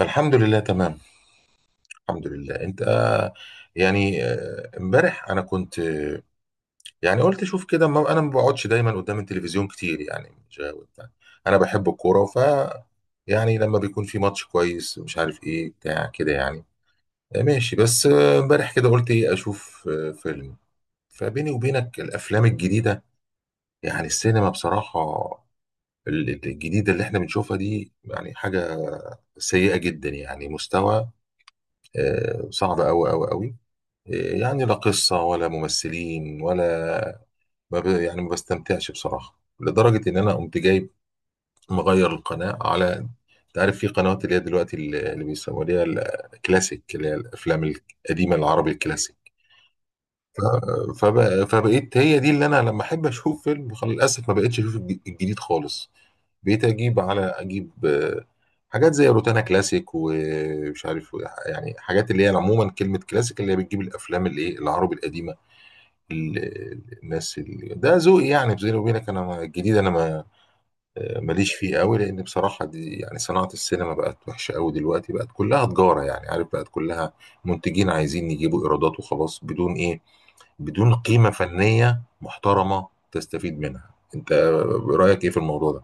الحمد لله تمام. الحمد لله. انت يعني امبارح انا كنت يعني قلت شوف كده، ما انا ما بقعدش دايما قدام التلفزيون كتير، يعني مش غاوي بتاع. انا بحب الكوره، ف يعني لما بيكون في ماتش كويس مش عارف ايه بتاع كده يعني ماشي. بس امبارح كده قلت ايه، اشوف فيلم. فبيني وبينك، الافلام الجديده يعني السينما بصراحه، الجديده اللي احنا بنشوفها دي يعني حاجه سيئه جدا، يعني مستوى صعب قوي قوي قوي. يعني لا قصة ولا ممثلين ولا ما ب... يعني ما بستمتعش بصراحة، لدرجة إن أنا قمت جايب مغير القناة على، أنت عارف، في قنوات اللي هي دلوقتي اللي بيسموها اللي هي الكلاسيك، اللي هي الأفلام القديمة، العربي الكلاسيك. ف... فبقيت هي دي اللي أنا لما أحب أشوف فيلم، خلاص للأسف ما بقتش أشوف الجديد خالص. بقيت أجيب على أجيب حاجات زي روتانا كلاسيك ومش عارف، يعني حاجات اللي هي عموما كلمة كلاسيك اللي هي بتجيب الأفلام اللي إيه العربي القديم. الناس اللي ده ذوقي يعني، بيني وبينك انا الجديد انا ما ماليش فيه قوي، لان بصراحه دي يعني صناعه السينما بقت وحشه قوي دلوقتي، بقت كلها تجاره يعني، عارف، بقت كلها منتجين عايزين يجيبوا ايرادات وخلاص، بدون ايه، بدون قيمه فنيه محترمه تستفيد منها انت. رايك ايه في الموضوع ده؟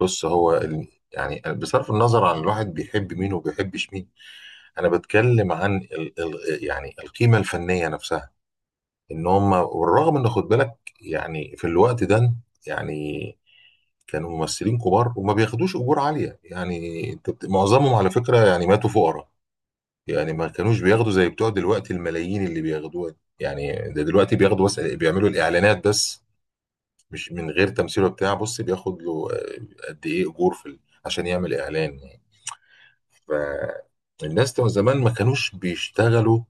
بص هو يعني بصرف النظر عن الواحد بيحب مين وبيحبش مين، انا بتكلم عن ال ال يعني القيمه الفنيه نفسها. ان هم، والرغم ان، خد بالك، يعني في الوقت ده يعني كانوا ممثلين كبار وما بياخدوش اجور عاليه. يعني انت معظمهم على فكره يعني ماتوا فقراء، يعني ما كانوش بياخدوا زي بتوع دلوقتي الملايين اللي بياخدوها. يعني ده دلوقتي بياخدوا بس بيعملوا الاعلانات بس، مش من غير تمثيل وبتاع. بص، بياخد له قد ايه اجور في عشان يعمل اعلان. فالناس زمان ما كانوش بيشتغلوا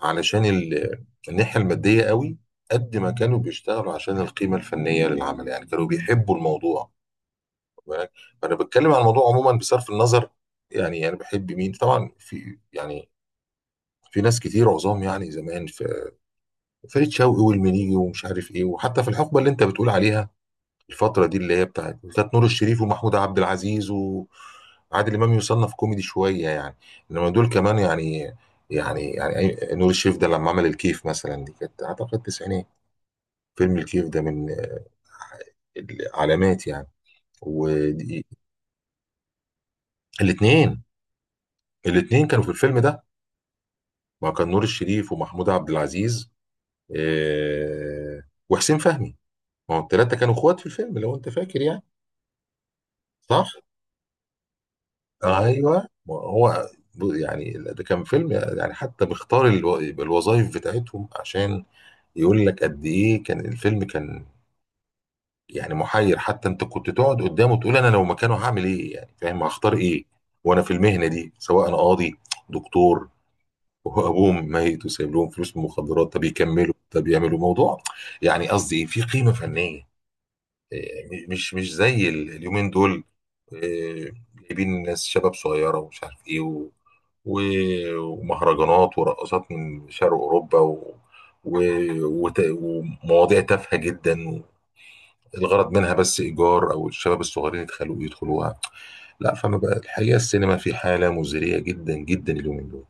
علشان الناحية المادية قوي قد ما كانوا بيشتغلوا عشان القيمة الفنية للعمل، يعني كانوا بيحبوا الموضوع. خد بالك؟ فأنا بتكلم عن الموضوع عموما، بصرف النظر، يعني أنا بحب مين طبعا. في، يعني، في ناس كتير عظام يعني زمان، في فريد شوقي والمنيجي ومش عارف إيه، وحتى في الحقبة اللي أنت بتقول عليها، الفترة دي اللي هي بتاعت، كانت نور الشريف ومحمود عبد العزيز وعادل إمام يصنف كوميدي شوية يعني، إنما دول كمان يعني، يعني نور الشريف ده لما عمل الكيف مثلا، دي كانت أعتقد تسعينات. فيلم الكيف ده من العلامات يعني. والاثنين، الاثنين كانوا في الفيلم ده، ما كان نور الشريف ومحمود عبد العزيز آه، وحسين فهمي. ما هو الثلاثة كانوا اخوات في الفيلم لو انت فاكر يعني. صح. ايوه ما هو يعني ده كان فيلم يعني، حتى بيختار الوظائف بتاعتهم عشان يقول لك قد ايه كان الفيلم. كان يعني محير، حتى انت كنت تقعد قدامه تقول انا لو مكانه هعمل ايه، يعني فاهم، هختار ايه وانا في المهنه دي، سواء انا قاضي، دكتور، وابوهم ميت وسايب لهم فلوس من المخدرات، طب يكملوا، طب يعملوا موضوع. يعني قصدي ايه، في قيمه فنيه مش مش زي اليومين دول. آه، جايبين ناس شباب صغيرة ومش عارف ايه و... ومهرجانات ورقصات من شرق أوروبا و... ومواضيع تافهة جدا، الغرض منها بس إيجار أو الشباب الصغيرين يدخلوا يدخلوها. لا، فأنا بقى الحقيقة السينما في حالة مزرية جدا جدا اليومين دول.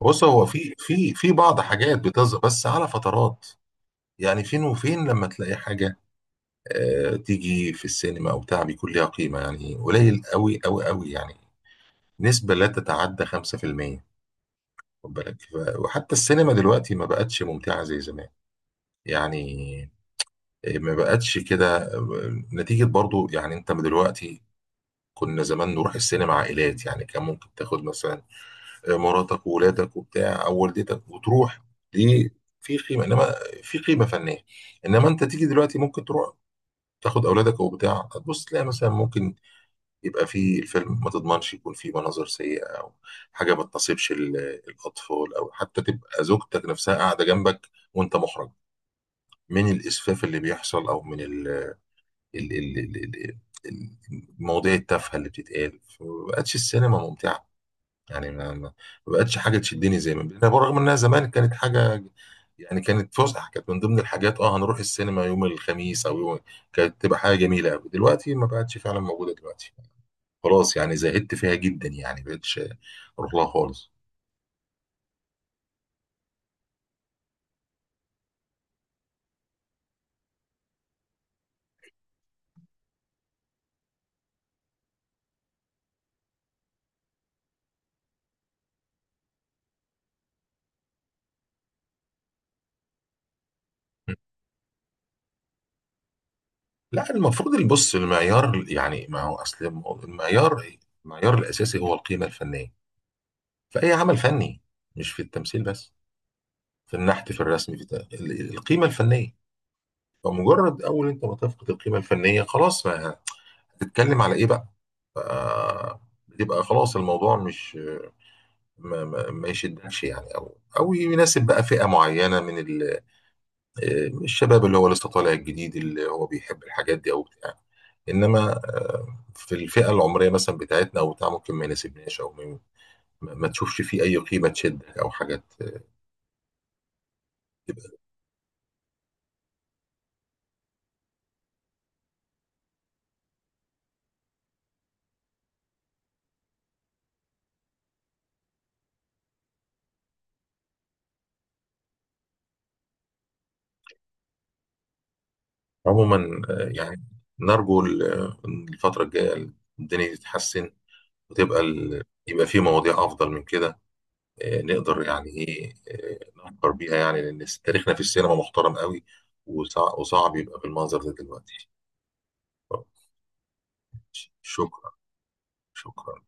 بص هو في بعض حاجات بتظهر بس على فترات. يعني فين وفين لما تلاقي حاجة تيجي في السينما او بتاع بيكون ليها قيمه، يعني قليل قوي قوي قوي، يعني نسبه لا تتعدى 5%. خد بالك؟ وحتى السينما دلوقتي ما بقتش ممتعه زي زمان، يعني ما بقتش كده نتيجه برضو يعني. انت من دلوقتي، كنا زمان نروح السينما عائلات، يعني كان ممكن تاخد مثلا مراتك وولادك وبتاع او والدتك وتروح. دي في قيمه، انما في قيمه فنيه. انما انت تيجي دلوقتي ممكن تروح تاخد اولادك وبتاع، تبص تلاقي مثلا ممكن يبقى في الفيلم ما تضمنش يكون فيه مناظر سيئة أو حاجة ما تناسبش الأطفال، أو حتى تبقى زوجتك نفسها قاعدة جنبك وأنت محرج من الإسفاف اللي بيحصل، أو من ال ال ال ال ال المواضيع التافهة اللي بتتقال. فما بقتش السينما ممتعة، يعني ما بقتش حاجة تشدني زي ما بقى، برغم إنها زمان كانت حاجة يعني. كانت فسحة، كانت من ضمن الحاجات. اه، هنروح السينما يوم الخميس أو يوم، كانت تبقى حاجة جميلة أوي. دلوقتي ما بقتش فعلا موجودة دلوقتي، خلاص يعني زهدت فيها جدا، يعني بقتش اروح لها خالص. لا المفروض، البص، المعيار، يعني ما هو اصل المعيار، المعيار الاساسي هو القيمه الفنيه في اي عمل فني، مش في التمثيل بس، في النحت، في الرسم، في القيمه الفنيه. فمجرد اول انت ما تفقد القيمه الفنيه خلاص، ما هتتكلم على ايه بقى. ف- بتبقى خلاص الموضوع مش ما يشدكش يعني، او او يناسب بقى فئه معينه من ال الشباب اللي هو لسه طالع الجديد اللي هو بيحب الحاجات دي او بتاع. انما في الفئه العمريه مثلا بتاعتنا او بتاع ممكن ما يناسبناش او ما ما تشوفش فيه اي قيمه تشدك او حاجات. عموما يعني نرجو الفتره الجايه الدنيا تتحسن، وتبقى يبقى في مواضيع افضل من كده. نقدر يعني ايه نفكر بيها، يعني لان تاريخنا في السينما محترم قوي. وصعب يبقى بالمنظر ده دلوقتي. شكرا. شكرا.